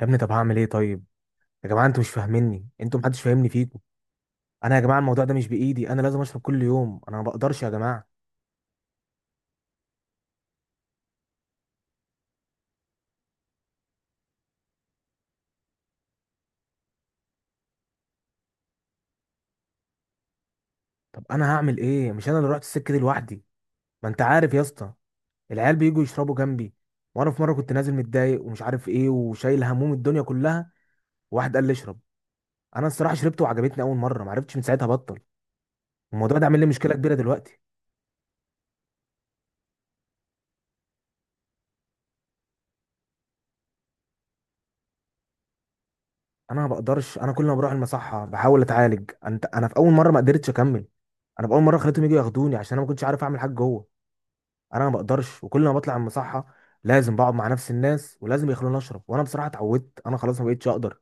يا ابني، طب هعمل ايه طيب؟ يا جماعه انتوا مش فاهميني، انتوا محدش فاهمني فيكم. انا يا جماعه الموضوع ده مش بايدي، انا لازم اشرب كل يوم، انا ما بقدرش يا جماعه. طب انا هعمل ايه؟ مش انا اللي رحت السكه دي لوحدي، ما انت عارف يا اسطى. العيال بييجوا يشربوا جنبي، وانا في مره كنت نازل متضايق ومش عارف ايه، وشايل هموم الدنيا كلها، وواحد قال لي اشرب. انا الصراحه شربت وعجبتني اول مره، ما عرفتش من ساعتها بطل. الموضوع ده عامل لي مشكله كبيره دلوقتي. انا ما بقدرش، كل ما بروح المصحه بحاول اتعالج. انا في اول مره ما قدرتش اكمل، انا في اول مره خليتهم يجوا ياخدوني عشان انا ما كنتش عارف اعمل حاجه جوه. انا ما بقدرش، وكل ما بطلع من المصحه لازم بقعد مع نفس الناس، ولازم يخلوني اشرب، وانا بصراحه اتعودت، انا خلاص ما بقتش اقدر.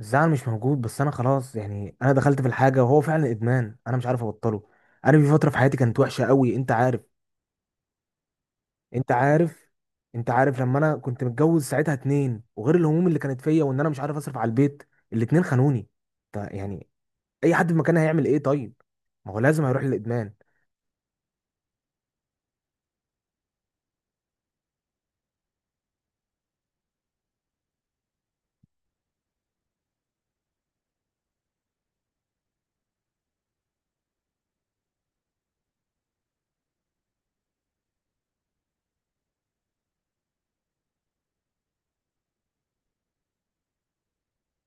الزعل مش موجود، بس انا خلاص يعني انا دخلت في الحاجه وهو فعلا ادمان، انا مش عارف ابطله. انا في فتره في حياتي كانت وحشه قوي، انت عارف. انت عارف انت عارف، لما انا كنت متجوز ساعتها اتنين، وغير الهموم اللي كانت فيا، وان انا مش عارف اصرف على البيت، الاتنين خانوني. طيب يعني اي حد في مكاني هيعمل ايه طيب؟ ما هو لازم هيروح للادمان.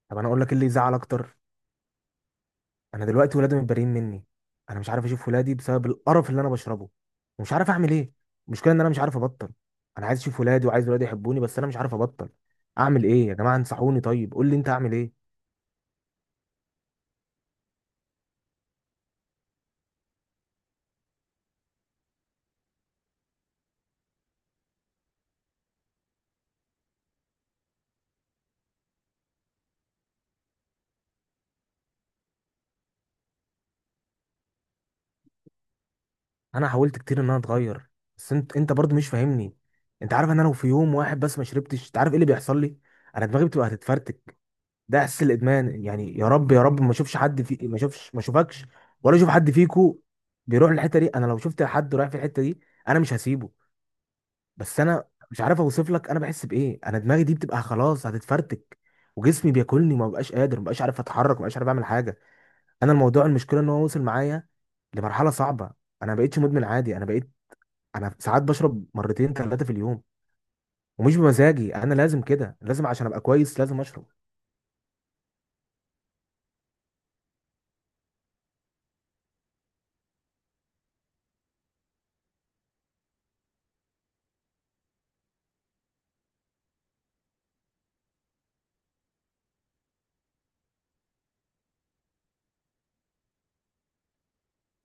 طب انا اقول لك إيه اللي يزعل اكتر؟ انا دلوقتي ولادي متبريين مني، انا مش عارف اشوف ولادي بسبب القرف اللي انا بشربه، ومش عارف اعمل ايه. المشكله ان انا مش عارف ابطل، انا عايز اشوف ولادي، وعايز ولادي يحبوني، بس انا مش عارف ابطل. اعمل ايه يا جماعه؟ انصحوني، طيب قول لي انت اعمل ايه. انا حاولت كتير ان انا اتغير، بس انت برضو مش فاهمني. انت عارف ان انا لو في يوم واحد بس ما شربتش، انت عارف ايه اللي بيحصل لي؟ انا دماغي بتبقى هتتفرتك، ده احساس الادمان يعني. يا رب يا رب ما اشوفش، ما اشوفكش ولا اشوف حد فيكو بيروح للحته دي. انا لو شفت حد رايح في الحته دي انا مش هسيبه. بس انا مش عارف اوصف لك انا بحس بايه، انا دماغي دي بتبقى خلاص هتتفرتك، وجسمي بياكلني، وما بقاش قادر، ما بقاش عارف اتحرك، ما بقاش عارف اعمل حاجه. انا الموضوع المشكله ان هو وصل معايا لمرحله صعبه. انا ما بقتش مدمن عادي، انا بقيت، انا ساعات بشرب مرتين ثلاثه في اليوم، ومش بمزاجي، انا لازم كده، لازم عشان ابقى كويس لازم اشرب.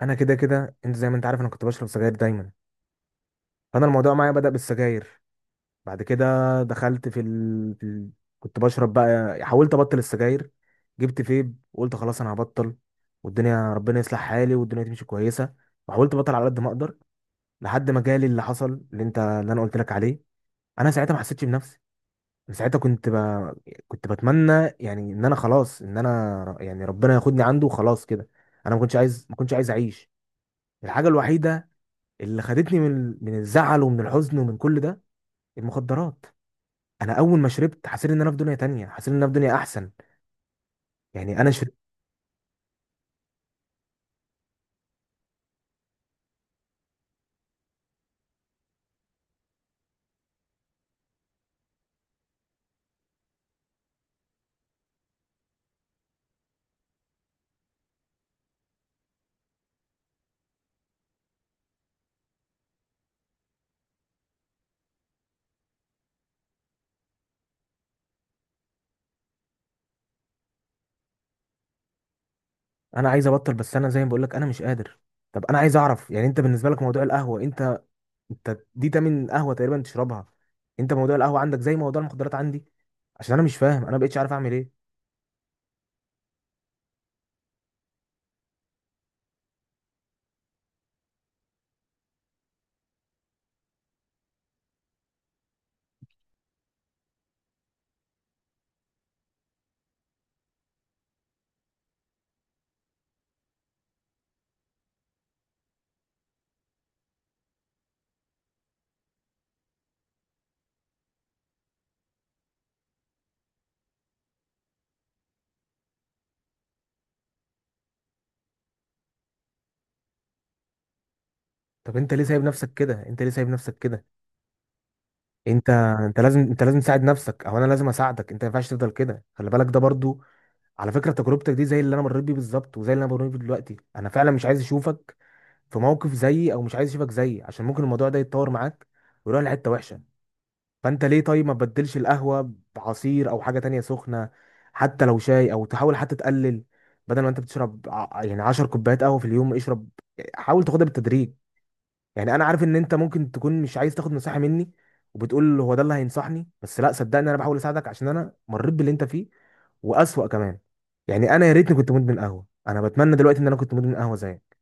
انا كده كده انت زي ما انت عارف انا كنت بشرب سجاير دايما، فانا الموضوع معايا بدأ بالسجاير. بعد كده دخلت كنت بشرب بقى، حاولت ابطل السجاير، جبت فيب وقلت خلاص انا هبطل، والدنيا ربنا يصلح حالي والدنيا تمشي كويسه، وحاولت ابطل على قد ما اقدر. لحد ما جالي اللي حصل، اللي انا قلت لك عليه. انا ساعتها ما حسيتش بنفسي، أنا ساعتها كنت بتمنى يعني ان انا خلاص، يعني ربنا ياخدني عنده وخلاص كده. انا ما كنتش عايز ما كنتش عايز اعيش. الحاجه الوحيده اللي خدتني من الزعل ومن الحزن ومن كل ده، المخدرات. انا اول ما شربت حسيت ان انا في دنيا تانية، حسيت ان انا في دنيا احسن. يعني انا شربت. انا عايز ابطل، بس انا زي ما بقول لك انا مش قادر. طب انا عايز اعرف يعني انت بالنسبه لك موضوع القهوه، انت دي تمن قهوه تقريبا تشربها. انت موضوع القهوه عندك زي موضوع المخدرات عندي، عشان انا مش فاهم، انا ما بقتش عارف اعمل ايه. طب انت ليه سايب نفسك كده انت ليه سايب نفسك كده؟ انت انت لازم تساعد نفسك، او انا لازم اساعدك، انت ما ينفعش تفضل كده. خلي بالك ده برضو على فكره تجربتك دي زي اللي انا مريت بيه بالظبط، وزي اللي انا مريت بيه دلوقتي. انا فعلا مش عايز اشوفك في موقف زيي، او مش عايز يشوفك زيي، عشان ممكن الموضوع ده يتطور معاك ويروح لحته وحشه. فانت ليه طيب ما تبدلش القهوه بعصير او حاجه تانية سخنه؟ حتى لو شاي، او تحاول حتى تقلل. بدل ما انت بتشرب يعني 10 كوبايات قهوه في اليوم، اشرب، حاول تاخدها بالتدريج. يعني انا عارف ان انت ممكن تكون مش عايز تاخد نصيحه مني، وبتقول هو ده اللي هينصحني، بس لا صدقني انا بحاول اساعدك عشان انا مريت باللي انت فيه، واسوأ كمان. يعني انا يا ريتني كنت مدمن قهوه، انا بتمنى دلوقتي ان انا كنت مدمن قهوه زيك.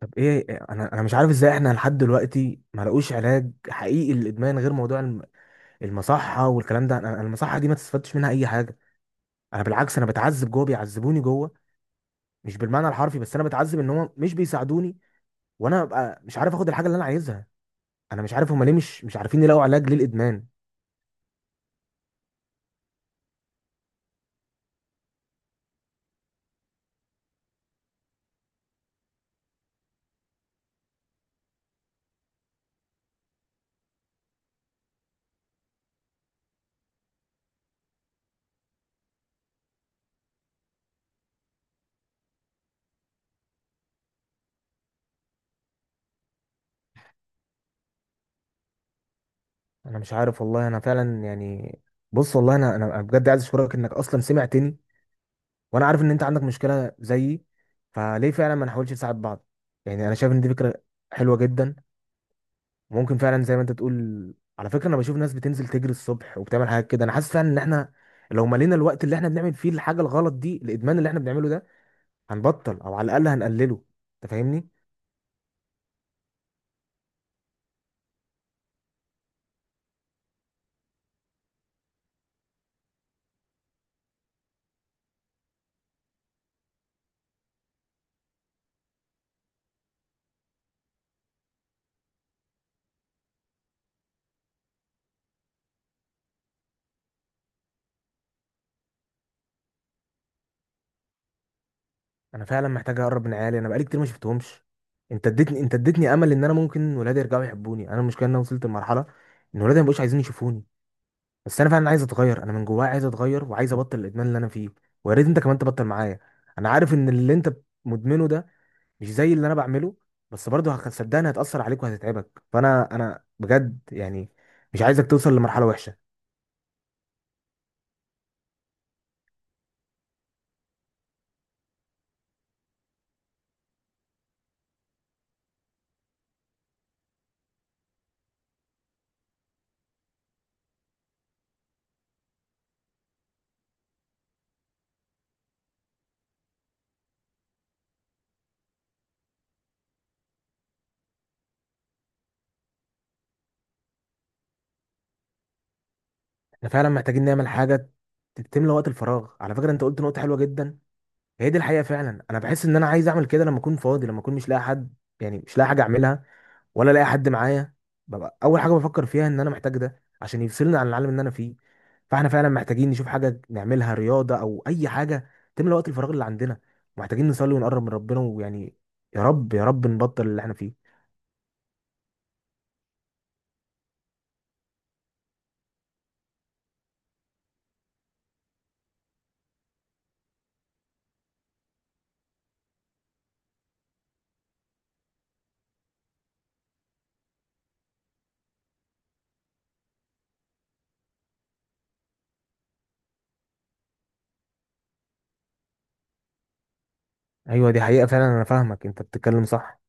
طب ايه، انا مش عارف ازاي احنا لحد دلوقتي ما لقوش علاج حقيقي للادمان غير موضوع المصحه والكلام ده. انا المصحه دي ما تستفادش منها اي حاجه، انا بالعكس، انا بتعذب جوه، بيعذبوني جوه، مش بالمعنى الحرفي، بس انا بتعذب ان هم مش بيساعدوني، وانا ببقى مش عارف اخد الحاجه اللي انا عايزها. انا مش عارف هم ليه مش عارفين يلاقوا علاج للادمان. انا مش عارف والله، انا فعلا يعني، بص والله انا بجد عايز اشكرك انك اصلا سمعتني، وانا عارف ان انت عندك مشكله زيي، فليه فعلا ما نحاولش نساعد بعض؟ يعني انا شايف ان دي فكره حلوه جدا. ممكن فعلا زي ما انت تقول، على فكره انا بشوف ناس بتنزل تجري الصبح وبتعمل حاجات كده، انا حاسس فعلا ان احنا لو ملينا الوقت اللي احنا بنعمل فيه الحاجه الغلط دي، الادمان اللي احنا بنعمله ده، هنبطل او على الاقل هنقلله، انت فاهمني. انا فعلا محتاج اقرب من عيالي، انا بقالي كتير ما شفتهمش. انت اديتني امل ان انا ممكن ولادي يرجعوا يحبوني. انا المشكله ان انا وصلت لمرحله ان ولادي ما بقوش عايزين يشوفوني، بس انا فعلا عايز اتغير، انا من جوايا عايز اتغير، وعايز ابطل الادمان اللي انا فيه. ويا ريت انت كمان تبطل معايا، انا عارف ان اللي انت مدمنه ده مش زي اللي انا بعمله، بس برضه صدقني هتأثر عليك وهتتعبك، فانا انا بجد يعني مش عايزك توصل لمرحلة وحشة. احنا فعلا محتاجين نعمل حاجة تملى وقت الفراغ. على فكرة انت قلت نقطة حلوة جدا، هي دي الحقيقة فعلا. انا بحس ان انا عايز اعمل كده لما اكون فاضي، لما اكون مش لاقي حد، يعني مش لاقي حاجة اعملها ولا الاقي حد معايا، ببقى اول حاجه بفكر فيها ان انا محتاج ده عشان يفصلني عن العالم اللي انا فيه. فاحنا فعلا محتاجين نشوف حاجه نعملها، رياضه او اي حاجه تملى وقت الفراغ اللي عندنا، محتاجين نصلي ونقرب من ربنا، ويعني يا رب يا رب نبطل اللي احنا فيه. ايوه دي حقيقه فعلا، انا فاهمك، انت بتتكلم صح.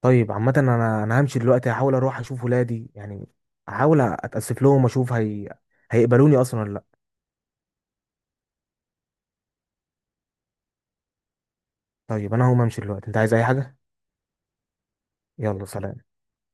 طيب عامه انا همشي دلوقتي، هحاول اروح اشوف ولادي يعني، احاول اتاسف لهم واشوف هيقبلوني اصلا ولا لا. طيب انا هقوم امشي دلوقتي، انت عايز اي حاجه؟ يلا سلام.